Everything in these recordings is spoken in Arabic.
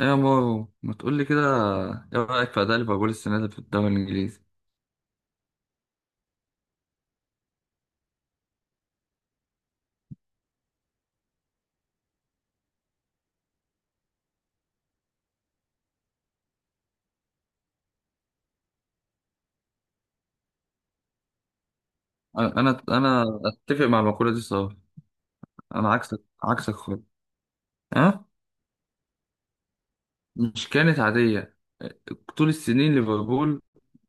ايه يا مارو ما تقول لي كده؟ ايه رايك في اداء ليفربول السنه دي في الدوري الانجليزي؟ انا انا أنا اتفق مع المقوله دي صراحه. انا عكسك عكسك خالص. ها. مش كانت عاديه. طول السنين ليفربول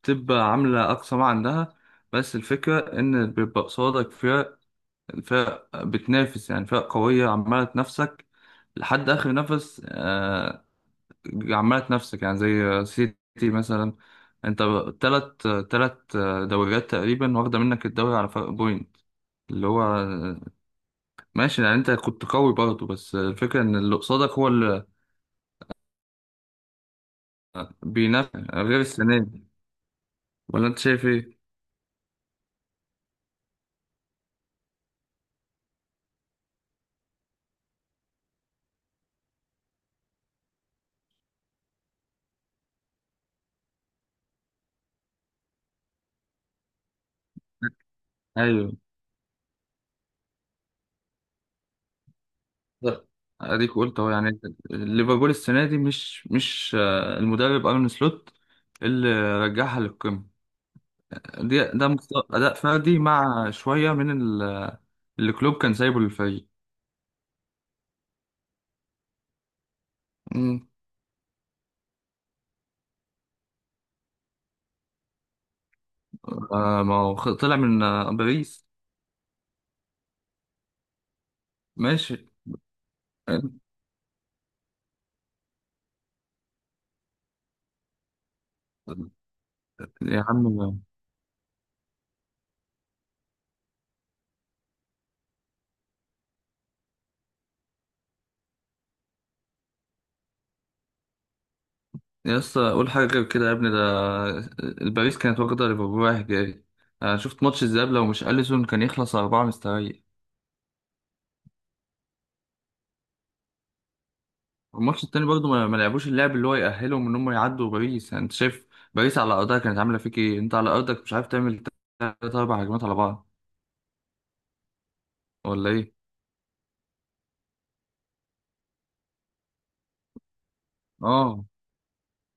بتبقى عامله اقصى ما عندها، بس الفكره ان بيبقى قصادك فرق بتنافس، يعني فرق قويه عماله تنافسك لحد اخر نفس، عمالة نفسك، يعني زي سيتي مثلا. انت تلت دوريات تقريبا واخدة منك الدوري على فرق بوينت، اللي هو ماشي، يعني انت كنت قوي برضه، بس الفكرة ان اللي قصادك هو اللي بينافس، غير السنة دي. ولا انت شايف ايه؟ ايوه. ده- اديك قلت اهو، يعني ليفربول السنة دي مش المدرب ارن سلوت اللي رجعها للقمة. ده أداء فردي مع شوية من اللي كلوب كان سايبه للفريق. آه، ما هو طلع من باريس. ماشي. يا عم، يا اسطى قول حاجة غير كده يا ابني، ده الباريس كانت واخدة ليفربول رايح جاي. آه، شفت ماتش الذهاب؟ لو مش أليسون كان يخلص أربعة مستريح. والماتش التاني برضه ما لعبوش اللعب اللي هو يأهلهم إن هم يعدوا باريس، يعني أنت شايف باريس على أرضها كانت عاملة فيك إيه؟ أنت على أرضك مش عارف تعمل تلات أربع هجمات على بعض، ولا إيه؟ آه.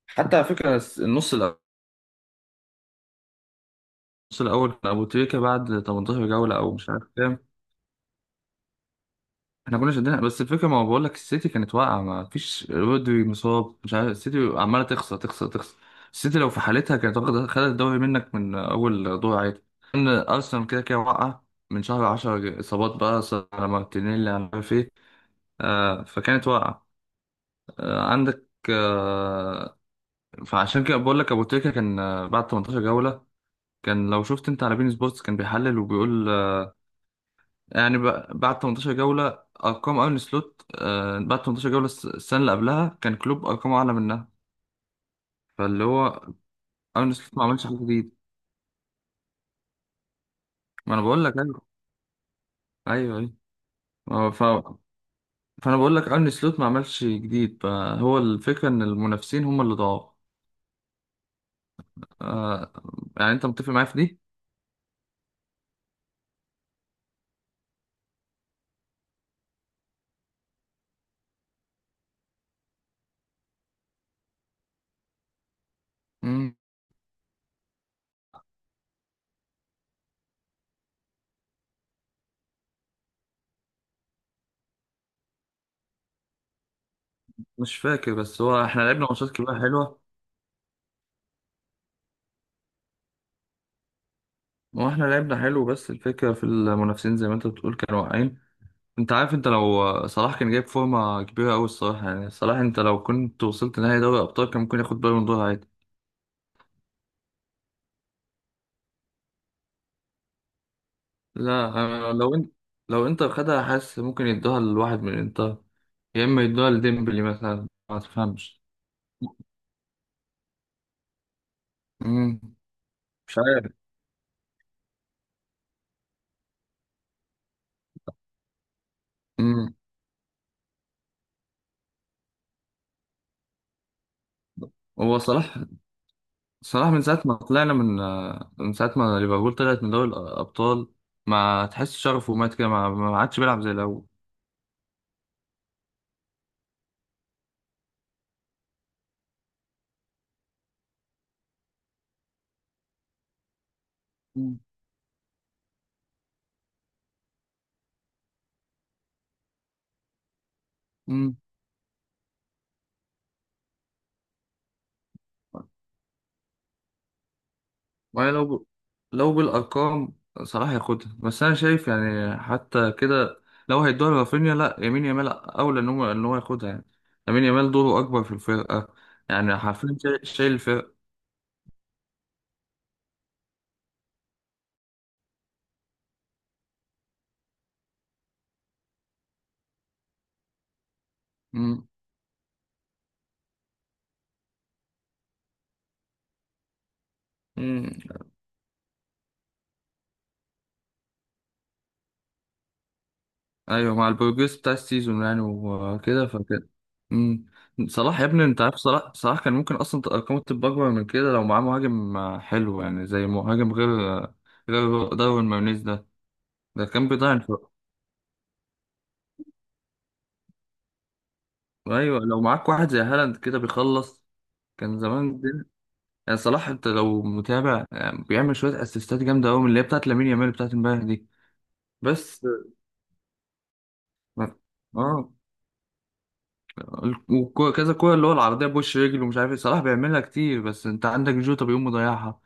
حتى على فكرة النص الأول، النص الأول كان أبو تريكة بعد 18 جولة أو مش عارف كام. احنا كنا شدينا، بس الفكره ما بقول لك السيتي كانت واقعه، ما فيش رودري، مصاب، مش عارف، السيتي عماله تخسر تخسر تخسر. السيتي لو في حالتها كانت واخده خدت الدوري منك من اول دور عادي. ان ارسنال كده كده واقعه، من شهر 10 اصابات بقى صار، على مارتينيلي، على مش عارف ايه، آه، فكانت واقعه. آه، عندك آه. فعشان كده بقول لك ابو تريكه كان، بعد 18 جوله كان، لو شفت انت على بين سبورتس كان بيحلل وبيقول يعني، بعد 18 جولة أرقام أرن سلوت، بعد 18 جولة السنة اللي قبلها كان كلوب أرقامه أعلى منها. فاللي هو أرن سلوت ما عملش حاجة جديد. ما أنا بقول لك أيوه. أيوه، أيوه. آه، ف... فأنا بقول لك أرن سلوت ما عملش جديد، فهو الفكرة إن المنافسين هم اللي ضاعوا. آه، يعني أنت متفق معايا في دي؟ مم. مش فاكر، بس هو إحنا لعبنا ماتشات كبيرة حلوة. هو إحنا لعبنا حلو، بس الفكرة في المنافسين زي ما أنت بتقول، كانوا واقعين. انت عارف، انت لو صلاح كان جايب فورمة كبيرة قوي الصراحة، يعني صلاح انت لو كنت وصلت نهائي دوري ابطال كان ممكن ياخد بالون دور عادي. لا، انا لو انت، لو انتر خدها حاسس ممكن يدوها لواحد من انتر، يا اما يدوها لديمبلي مثلا، ما تفهمش. مم. مش عارف. مم. هو صلاح، صلاح من ساعة ما طلعنا من، من ساعة ما ليفربول طلعت من دوري الأبطال، ما تحس شغفه مات كده، ما عادش بيلعب زي الأول. مم. مم. ما لو ب... لو بالأرقام صلاح هياخدها، بس أنا شايف يعني حتى كده لو هيدوها لرافينيا، لا، يمين يامال أولى إن هو ياخدها يعني. يمين يامال دوره أكبر في الفرقة، يعني حرفيا شايل شايل الفرقة. مم. مم. أيوه، مع البروجريس بتاع السيزون يعني، وكده فكده. مم. صلاح يا ابني، أنت عارف صلاح كان ممكن أصلا أرقامه تبقى أكبر من كده لو معاه مهاجم حلو، يعني زي مهاجم غير داروين مارينيز ده، ده كان بيضيع. ايوه، لو معاك واحد زي هالاند كده بيخلص، كان زمان الدنيا. يعني صلاح انت لو متابع، يعني بيعمل شويه اسيستات جامده قوي من اللي هي بتاعت لامين يامال بتاعت امبارح دي، بس. اه، وكذا كوره اللي هو العرضيه، بوش رجل ومش عارف ايه، صلاح بيعملها كتير، بس انت عندك جوتا بيقوم مضيعها،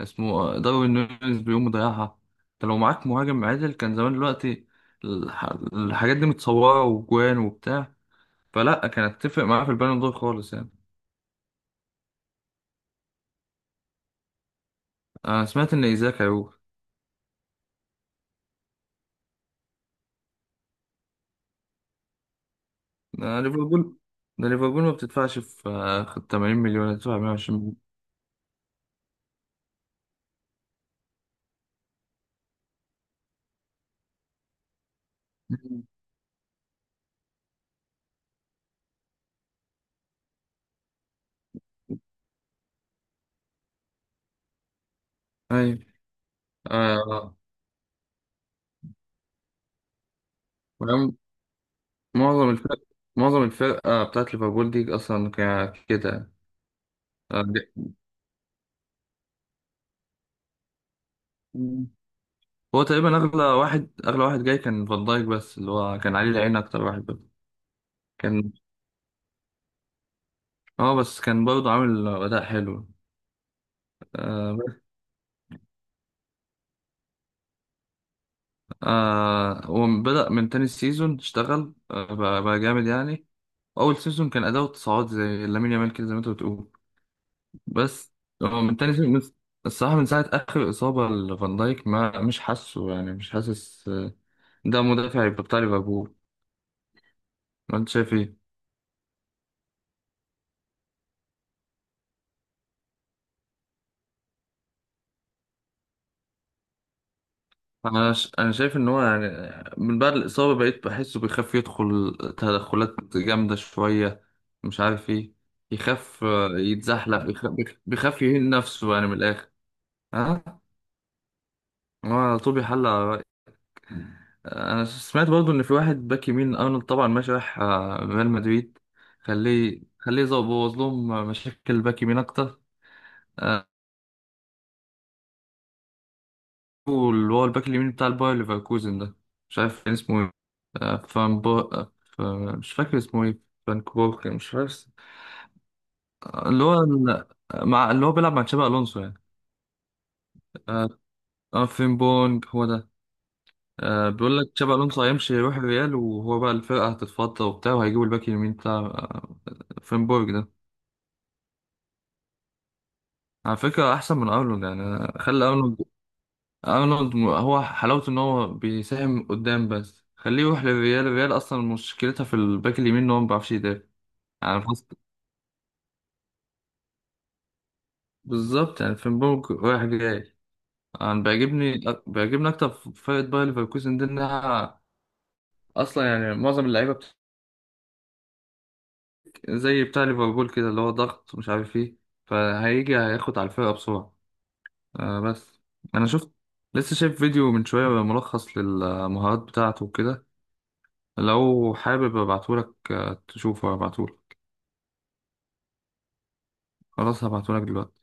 اسمه داروين نونيز بيقوم مضيعها. انت لو معاك مهاجم عادل كان زمان دلوقتي الح- الحاجات دي متصوره وجوان وبتاع، فلا كانت تفرق معاه في البالون دور خالص يعني. انا سمعت ان ايزاك هيروح. ده ليفربول ده ليفربول ما بتدفعش في، 80 مليون هتدفع 120 مليون. مم. ايوه، آه. وعم- معظم الفرق، معظم الفرقة بتاعت ليفربول دي أصلا كده. آه، دي- مم. هو تقريبا أغلى واحد، أغلى واحد جاي كان فان دايك، بس اللي هو كان عليه العين أكتر واحد. بس كان، اه، بس كان برضه عامل أداء حلو. آه بس- آه، وبدأ من تاني سيزون اشتغل، آه، بقى جامد يعني. أول سيزون كان أداؤه تصاعد زي لامين يامال كده، زي ما أنت بتقول. بس هو من تاني من، الصراحة من ساعة آخر إصابة لفان دايك ما مش حاسه، يعني مش حاسس، آه، ده مدافع يبقى بتاع ليفربول. وأنت شايف إيه؟ أنا شايف إن هو، يعني من بعد الإصابة بقيت بحسه بيخاف يدخل تدخلات جامدة شوية، مش عارف إيه، يخاف، يتزحلق، بيخاف، بيخاف يهين نفسه يعني من الآخر. ها؟ هو على طول بيحلق. انا سمعت برضو ان في واحد باك يمين، ارنولد طبعا ماشي راح ريال مدريد، خليه بوظ لهم مشاكل باك يمين اكتر، آه، واللي هو الباك اليمين بتاع الباير ليفركوزن ده، مش عارف كان اسمه ايه. آه، فان بو... آه، ف- مش فاكر اسمه ايه، فان كوبورك مش فاكر. آه، اللي هو ال- مع اللي هو بيلعب مع تشابي الونسو يعني. آه، آه، فين بونج هو ده. آه، بيقول لك تشابي الونسو هيمشي يروح الريال، وهو بقى الفرقه هتتفضى وبتاع، وهيجيبوا الباك اليمين بتاع، آه، فين بورج ده، على فكرة أحسن من أرنولد يعني. خلي أرنولد، أرنولد هو حلاوته إن هو بيساهم قدام، بس خليه يروح للريال، الريال أصلا مشكلتها في الباك اليمين إن هو ما بيعرفش يدافع. يعني بالظبط، يعني فنبرج رايح جاي. أنا بيعجبني أكتر في فرقة باير ليفركوزن دي، إنها أصلا يعني معظم اللعيبة زي بتاع ليفربول كده، اللي هو ضغط ومش عارف إيه، فهيجي هياخد على الفرقة بسرعة. آه، بس أنا شفت، لسه شايف فيديو من شوية، ملخص للمهارات بتاعته وكده، لو حابب ابعتهولك، تشوفه، ابعتهولك. خلاص هبعتهولك دلوقتي.